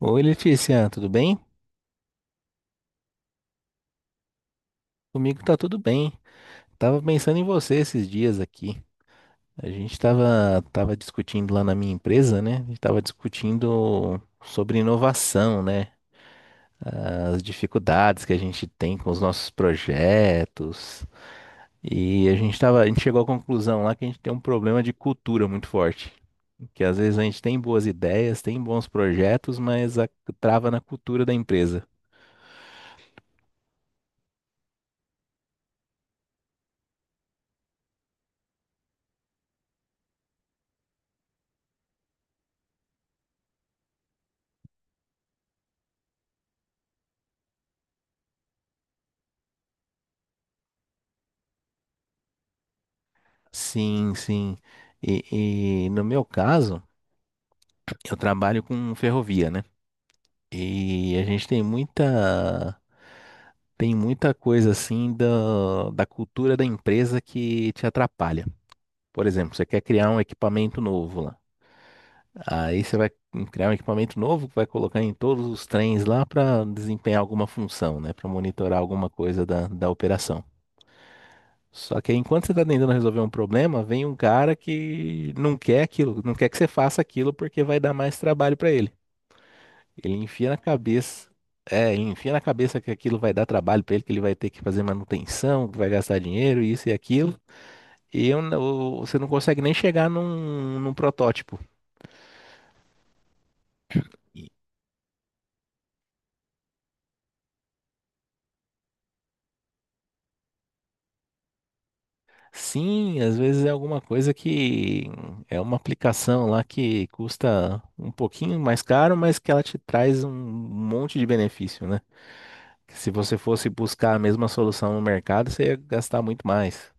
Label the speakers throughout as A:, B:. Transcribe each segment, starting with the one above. A: Oi, Letícia, tudo bem? Comigo tá tudo bem. Tava pensando em você esses dias aqui. A gente tava discutindo lá na minha empresa, né? A gente tava discutindo sobre inovação, né? As dificuldades que a gente tem com os nossos projetos. E a gente tava, a gente chegou à conclusão lá que a gente tem um problema de cultura muito forte. Que às vezes a gente tem boas ideias, tem bons projetos, trava na cultura da empresa. Sim, sim. No meu caso, eu trabalho com ferrovia, né? E a gente tem muita coisa assim da cultura da empresa que te atrapalha. Por exemplo, você quer criar um equipamento novo lá. Aí você vai criar um equipamento novo que vai colocar em todos os trens lá para desempenhar alguma função, né? Para monitorar alguma coisa da operação. Só que aí, enquanto você está tentando resolver um problema, vem um cara que não quer aquilo, não quer que você faça aquilo porque vai dar mais trabalho para ele. Ele enfia na cabeça. É, ele enfia na cabeça que aquilo vai dar trabalho pra ele, que ele vai ter que fazer manutenção, que vai gastar dinheiro, isso e aquilo. Você não consegue nem chegar num protótipo. E- Sim, às vezes é alguma coisa que é uma aplicação lá que custa um pouquinho mais caro, mas que ela te traz um monte de benefício, né? Que se você fosse buscar a mesma solução no mercado, você ia gastar muito mais.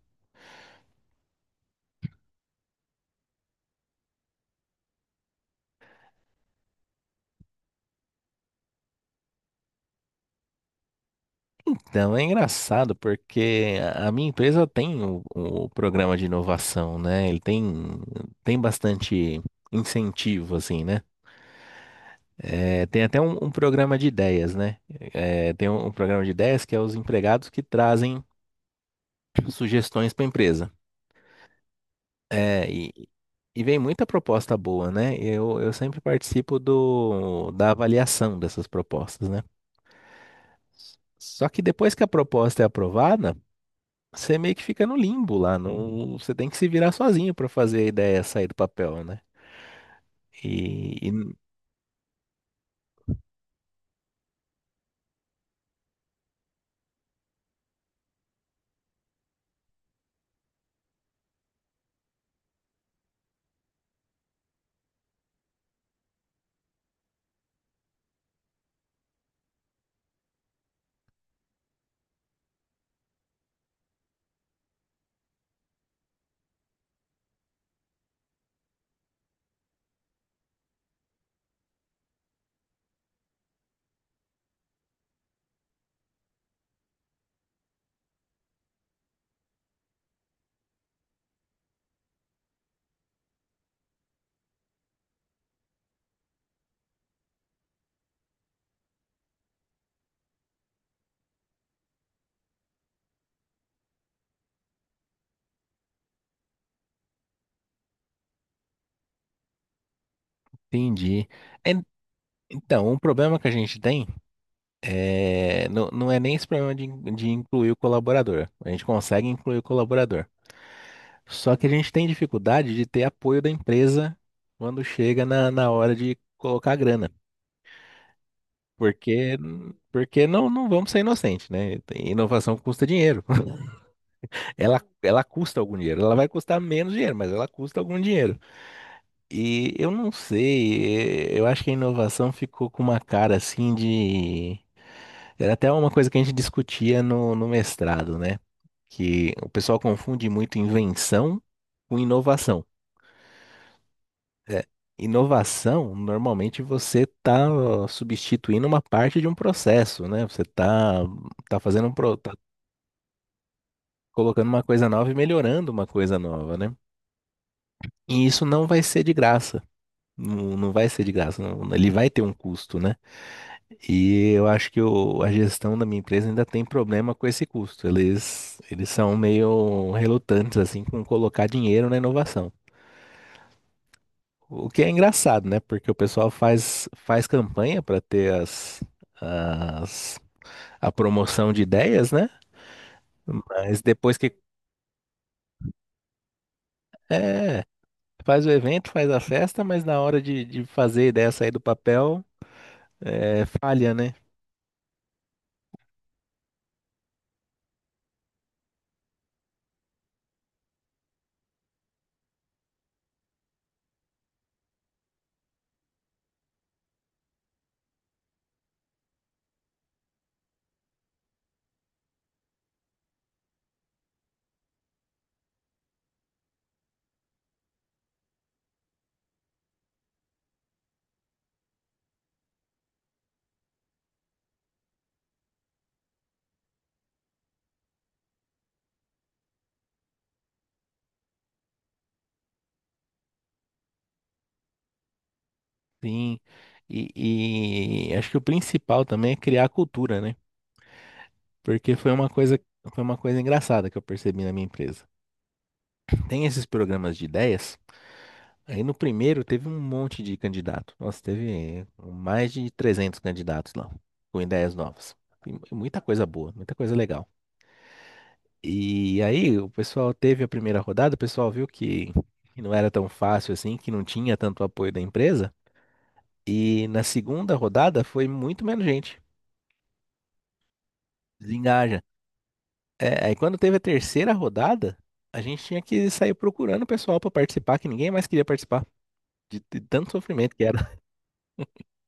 A: Então é engraçado porque a minha empresa tem o programa de inovação, né? Ele tem tem bastante incentivo, assim, né? É, tem até um programa de ideias, né? É, tem um programa de ideias que é os empregados que trazem sugestões para a empresa. É, e vem muita proposta boa, né? Eu sempre participo da avaliação dessas propostas, né? Só que depois que a proposta é aprovada, você meio que fica no limbo lá, não, você tem que se virar sozinho para fazer a ideia sair do papel, né? E, e- Entendi. En- Então, um problema que a gente tem é, não, não é nem esse problema de incluir o colaborador. A gente consegue incluir o colaborador. Só que a gente tem dificuldade de ter apoio da empresa quando chega na hora de colocar a grana. Porque, Porque não, não vamos ser inocentes, né? Inovação custa dinheiro. Ela custa algum dinheiro. Ela vai custar menos dinheiro, mas ela custa algum dinheiro. E eu não sei, eu acho que a inovação ficou com uma cara assim de. Era até uma coisa que a gente discutia no mestrado, né? Que o pessoal confunde muito invenção com inovação. É, inovação, normalmente você está substituindo uma parte de um processo, né? Você está tá tá fazendo colocando uma coisa nova e melhorando uma coisa nova, né? E isso não vai ser de graça. Não, não vai ser de graça, não, né? Ele vai ter um custo, né? E eu acho que a gestão da minha empresa ainda tem problema com esse custo. Eles são meio relutantes, assim, com colocar dinheiro na inovação. O que é engraçado, né? Porque o pessoal faz campanha para ter as, a promoção de ideias, né? Mas depois que. É, faz o evento, faz a festa, mas na hora de fazer a ideia sair do papel, é, falha, né? Sim, e acho que o principal também é criar a cultura, né? Porque foi uma coisa engraçada que eu percebi na minha empresa. Tem esses programas de ideias, aí no primeiro teve um monte de candidato. Nossa, teve mais de 300 candidatos lá, com ideias novas. E muita coisa boa, muita coisa legal. E aí o pessoal teve a primeira rodada, o pessoal viu que não era tão fácil assim, que não tinha tanto apoio da empresa. E na segunda rodada foi muito menos gente. Desengaja, é, aí quando teve a terceira rodada, a gente tinha que sair procurando o pessoal pra participar, que ninguém mais queria participar, de tanto sofrimento que era.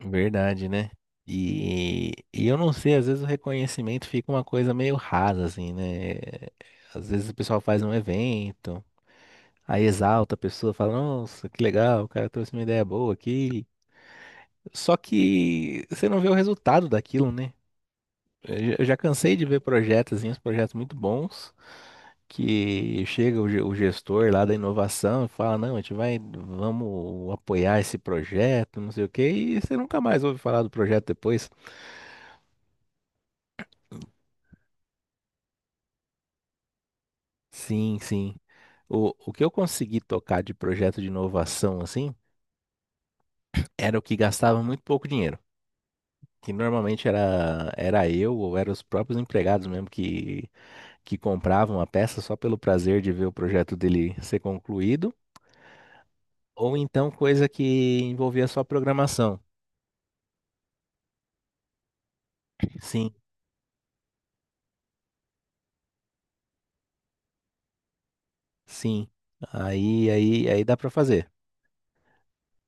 A: Verdade, né? E eu não sei, às vezes o reconhecimento fica uma coisa meio rasa, assim, né? Às vezes o pessoal faz um evento, aí exalta a pessoa, fala, nossa, que legal, o cara trouxe uma ideia boa aqui. Só que você não vê o resultado daquilo, né? Eu já cansei de ver projetos, assim, uns projetos muito bons, que chega o gestor lá da inovação e fala, não, vamos apoiar esse projeto, não sei o quê, e você nunca mais ouve falar do projeto depois. Sim, sim. O que eu consegui tocar de projeto de inovação, assim, era o que gastava muito pouco dinheiro. Que normalmente era eu ou eram os próprios empregados mesmo que compravam a peça só pelo prazer de ver o projeto dele ser concluído, ou então coisa que envolvia só programação. Sim, sim. Aí dá para fazer.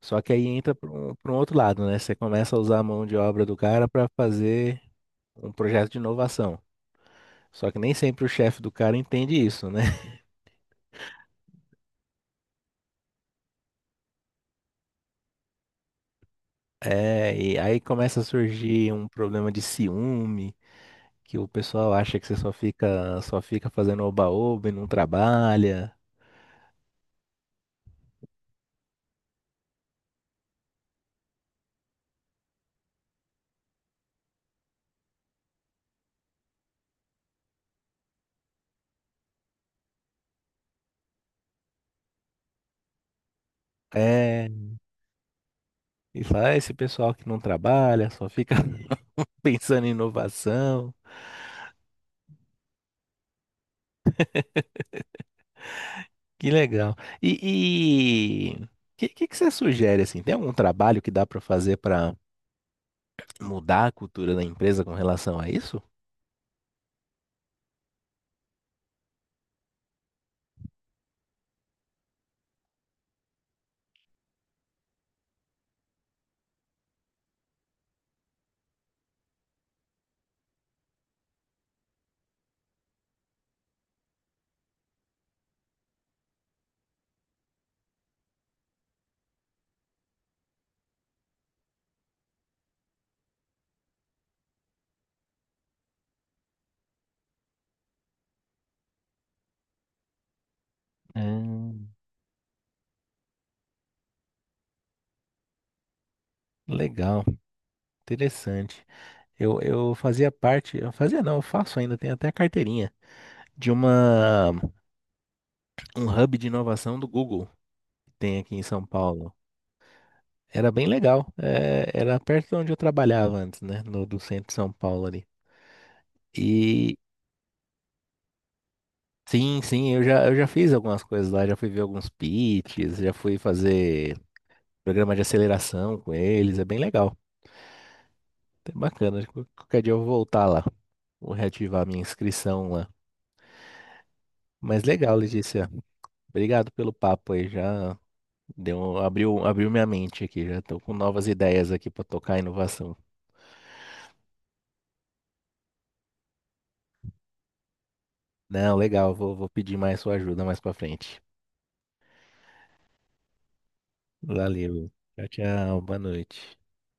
A: Só que aí entra para pra um outro lado, né? Você começa a usar a mão de obra do cara para fazer um projeto de inovação. Só que nem sempre o chefe do cara entende isso, né? É, e aí começa a surgir um problema de ciúme, que o pessoal acha que só fica fazendo oba-oba e não trabalha. É, e fala, "Ah, esse pessoal que não trabalha, só fica pensando em inovação." Que legal. E o que você sugere assim? Tem algum trabalho que dá para fazer para mudar a cultura da empresa com relação a isso? Hum, legal, interessante. Eu fazia parte, eu fazia não, eu faço ainda, tenho até carteirinha, de uma um hub de inovação do Google que tem aqui em São Paulo. Era bem legal. É, era perto de onde eu trabalhava antes, né? No, Do centro de São Paulo ali. E sim, sim, eu já fiz algumas coisas lá, já fui ver alguns pitches, já fui fazer programa de aceleração com eles, é bem legal. É bacana, qualquer dia eu vou voltar lá, vou reativar a minha inscrição lá. Mas legal, Letícia. Obrigado pelo papo aí, já deu, abriu minha mente aqui, já tô com novas ideias aqui pra tocar inovação. Não, legal, vou pedir mais sua ajuda mais pra frente. Valeu. Tchau, tchau, boa noite.